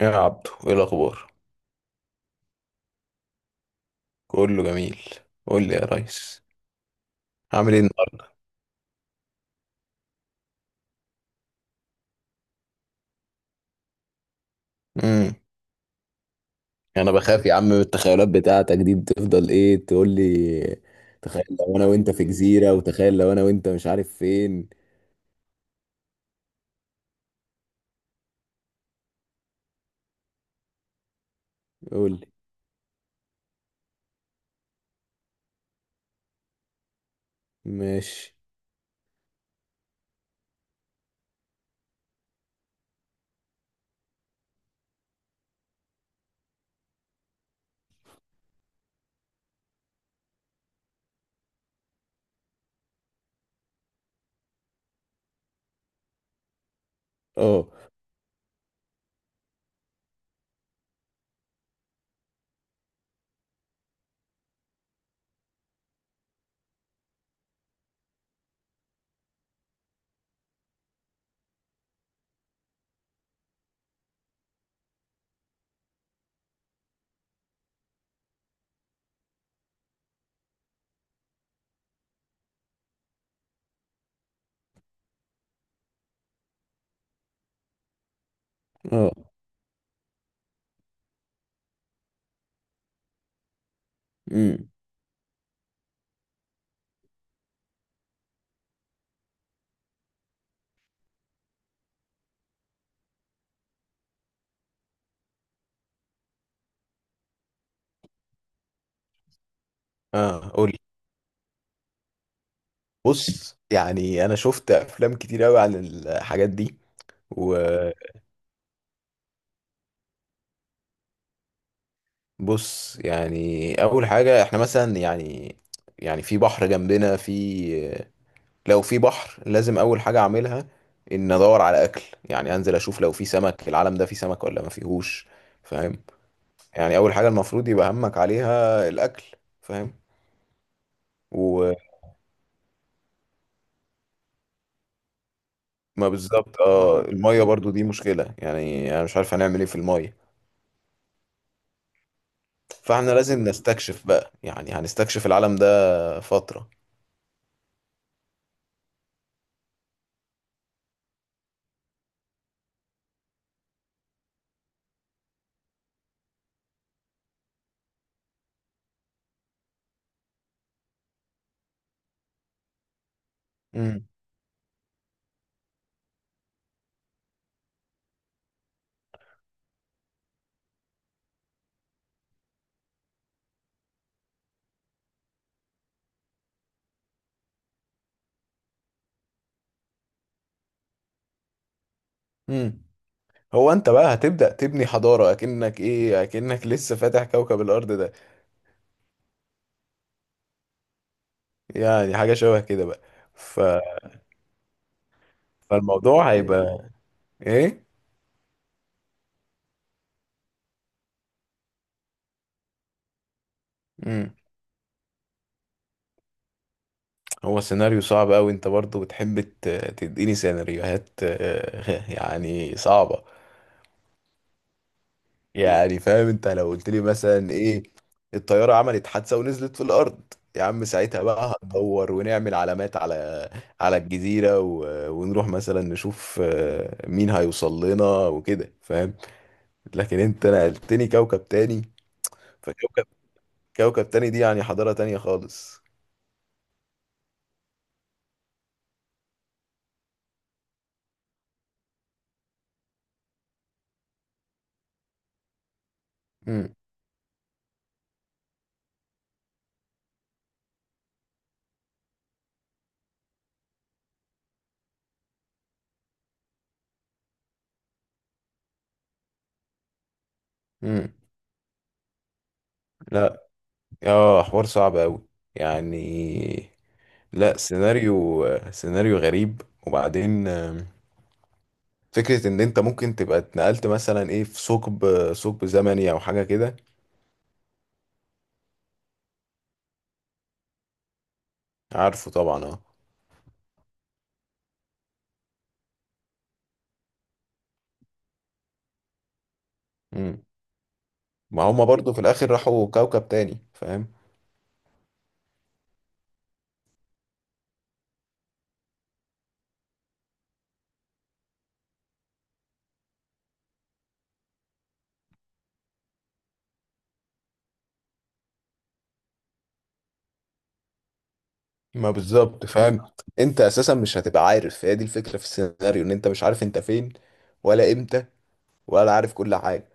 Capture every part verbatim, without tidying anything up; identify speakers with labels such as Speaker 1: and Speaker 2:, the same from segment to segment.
Speaker 1: يا عبدو، ايه الاخبار؟ كله جميل. قول لي يا ريس. عامل ايه النهارده؟ امم. انا بخاف يا عم من التخيلات بتاعتك دي، بتفضل ايه تقول لي؟ تخيل لو انا وانت في جزيرة، وتخيل لو انا وانت مش عارف فين. قول لي. ماشي. اه. اه. امم. اه، قول لي. بص، يعني انا شفت افلام كتير قوي عن الحاجات دي. وبص، يعني اول حاجه احنا مثلا، يعني يعني في بحر جنبنا، في لو في بحر لازم اول حاجه اعملها ان ادور على اكل. يعني انزل اشوف لو في سمك، العالم ده فيه سمك ولا ما فيهوش؟ فاهم؟ يعني اول حاجه المفروض يبقى همك عليها الاكل. فاهم؟ وما بالظبط اه، الميه برضو دي مشكله، يعني انا مش عارف هنعمل ايه في الميه. فاحنا لازم نستكشف بقى، يعني هنستكشف العالم ده فتره. امم. امم. هو انت بقى هتبدأ تبني حضارة اكنك ايه، اكنك لسه فاتح كوكب الارض ده؟ يعني حاجة شبه كده بقى. ف... فالموضوع هيبقى ايه؟ امم. هو سيناريو صعب قوي، انت برضو بتحب ت- تديني سيناريوهات آه، يعني صعبة. يعني فاهم، انت لو قلت لي مثلا ايه؟ الطيارة عملت حادثة ونزلت في الارض، يا عم ساعتها بقى هندور ونعمل علامات على على الجزيرة و- ونروح مثلا نشوف آه، مين هيوصل لنا وكده، فاهم؟ لكن انت نقلتني كوكب تاني. فكوكب كوكب تاني دي يعني حضارة تانية خالص. امم. امم. لا. اه، حوار صعب قوي. يعني لا، سيناريو سيناريو غريب. وبعدين آم، فكرة ان انت ممكن تبقى اتنقلت مثلا ايه في ثقب ثقب زمني او حاجة كده. عارفه طبعا، اه. مم. ما هما برضو في الاخر راحوا كوكب تاني، فاهم؟ ما بالظبط فاهم. انت اساسا مش هتبقى عارف، هي دي الفكرة في السيناريو، ان انت مش عارف انت فين ولا امتى ولا عارف كل حاجة.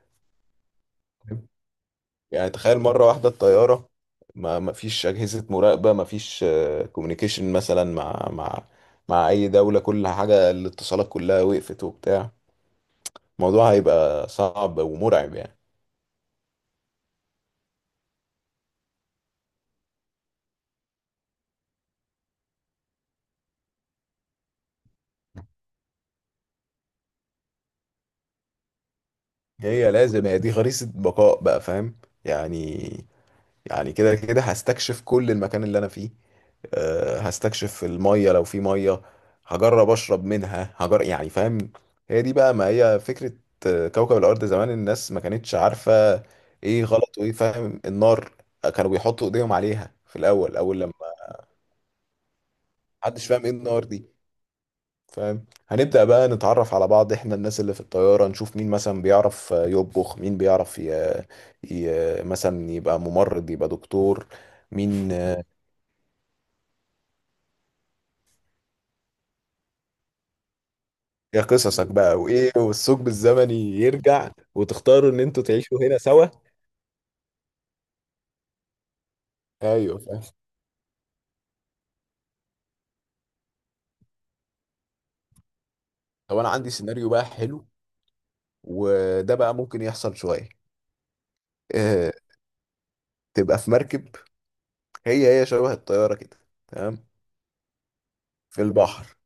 Speaker 1: يعني تخيل مرة واحدة الطيارة، ما ما فيش أجهزة مراقبة، ما فيش كوميونيكيشن مثلا مع مع مع أي دولة، كل حاجة الاتصالات كلها وقفت وبتاع. الموضوع هيبقى صعب ومرعب يعني. هي لازم، هي دي خريطة بقاء بقى، فاهم؟ يعني يعني كده كده هستكشف كل المكان اللي أنا فيه. آه، هستكشف المية لو في مية، هجرب اشرب منها، هجرب يعني، فاهم؟ هي دي بقى، ما هي فكرة. آه، كوكب الارض زمان الناس ما كانتش عارفة ايه غلط وايه فاهم. النار، آه، كانوا بيحطوا ايديهم عليها في الاول، اول لما محدش فاهم ايه النار دي. فاهم؟ هنبدأ بقى نتعرف على بعض، احنا الناس اللي في الطيارة، نشوف مين مثلا بيعرف آه، يطبخ، مين بيعرف ي... ي... مثلا يبقى ممرض، يبقى دكتور، مين. يا قصصك بقى، وايه والثقب الزمني يرجع وتختاروا ان انتوا تعيشوا هنا سوا؟ ايوه فاهم. طب انا عندي سيناريو بقى حلو، وده بقى ممكن يحصل شويه. اه. تبقى في مركب، هي هي شبه الطياره كده، تمام، في البحر.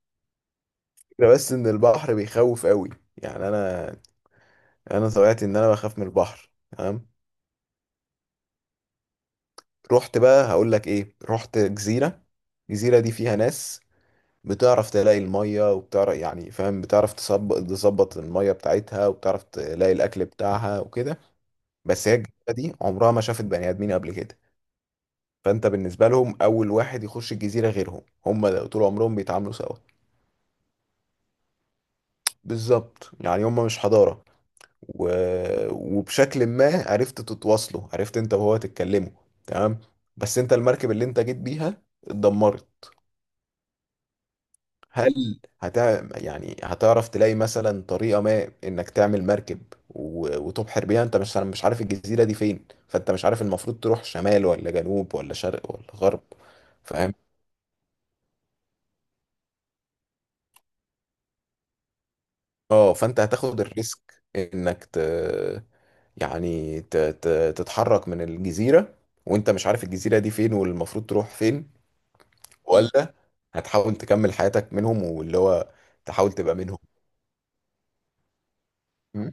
Speaker 1: الفكرة بس ان البحر بيخوف قوي. يعني انا، انا طبيعتي ان انا بخاف من البحر. تمام. رحت بقى، هقول لك ايه، رحت جزيره. الجزيره دي فيها ناس بتعرف تلاقي المية، وبتعرف يعني، فاهم، بتعرف تصب- تظبط المية بتاعتها، وبتعرف تلاقي الأكل بتاعها وكده. بس هي الجزيرة دي عمرها ما شافت بني آدمين قبل كده. فأنت بالنسبة لهم أول واحد يخش الجزيرة غيرهم، هم طول عمرهم بيتعاملوا سوا. بالظبط، يعني هم مش حضارة. و... وبشكل ما عرفت تتواصلوا، عرفت أنت وهو تتكلموا، تمام. بس أنت المركب اللي أنت جيت بيها اتدمرت. هل هتع... يعني هتعرف تلاقي مثلا طريقة ما انك تعمل مركب و... وتبحر بيها؟ انت مش مش عارف الجزيرة دي فين، فانت مش عارف المفروض تروح شمال ولا جنوب ولا شرق ولا غرب. فاهم؟ اه، فانت هتاخد الريسك انك ت... يعني ت... ت... تتحرك من الجزيرة وانت مش عارف الجزيرة دي فين والمفروض تروح فين، ولا هتحاول تكمل حياتك منهم، واللي هو تحاول تبقى منهم. م؟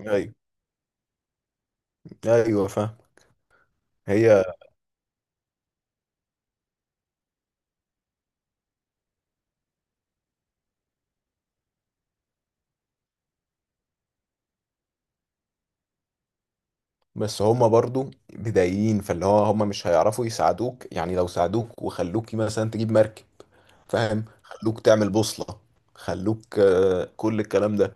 Speaker 1: ايوه، ايوه فاهم. هي، بس هما برضو بدايين، فاللي هو هما مش هيعرفوا يساعدوك. يعني لو ساعدوك وخلوك مثلا تجيب مركب، فاهم، خلوك تعمل بوصلة، خلوك آه، كل الكلام ده،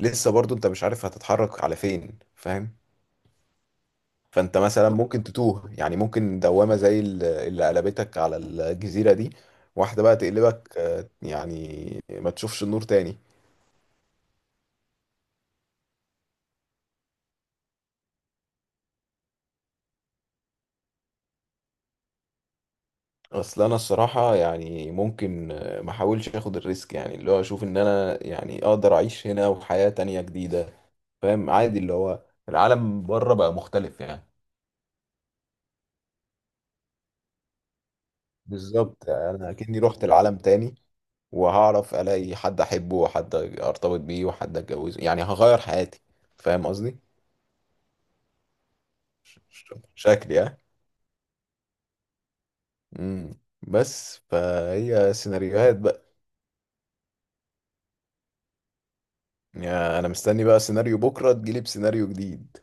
Speaker 1: لسه برضو انت مش عارف هتتحرك على فين، فاهم؟ فانت مثلا ممكن تتوه. يعني ممكن دوامة زي ال- اللي قلبتك على الجزيرة دي، واحدة بقى تقلبك آه، يعني ما تشوفش النور تاني. اصل انا الصراحه يعني ممكن آه، ما احاولش اخد الريسك، يعني اللي هو اشوف ان انا يعني اقدر اعيش هنا وحياه تانية جديده. فاهم؟ عادي، اللي هو العالم بره بقى مختلف يعني. بالظبط، انا اكني رحت العالم تاني، وهعرف الاقي حد احبه، وحد ارتبط بيه، وحد اتجوزه، يعني هغير حياتي. فاهم قصدي؟ ش- ش- شكلي اه. امم. بس فهي سيناريوهات بقى. يعني انا مستني بقى سيناريو، بكره تجيلي بسيناريو جديد.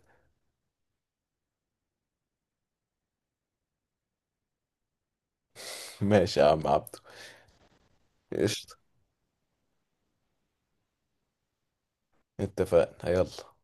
Speaker 1: ماشي يا عم عبد. اتفقنا، يلا.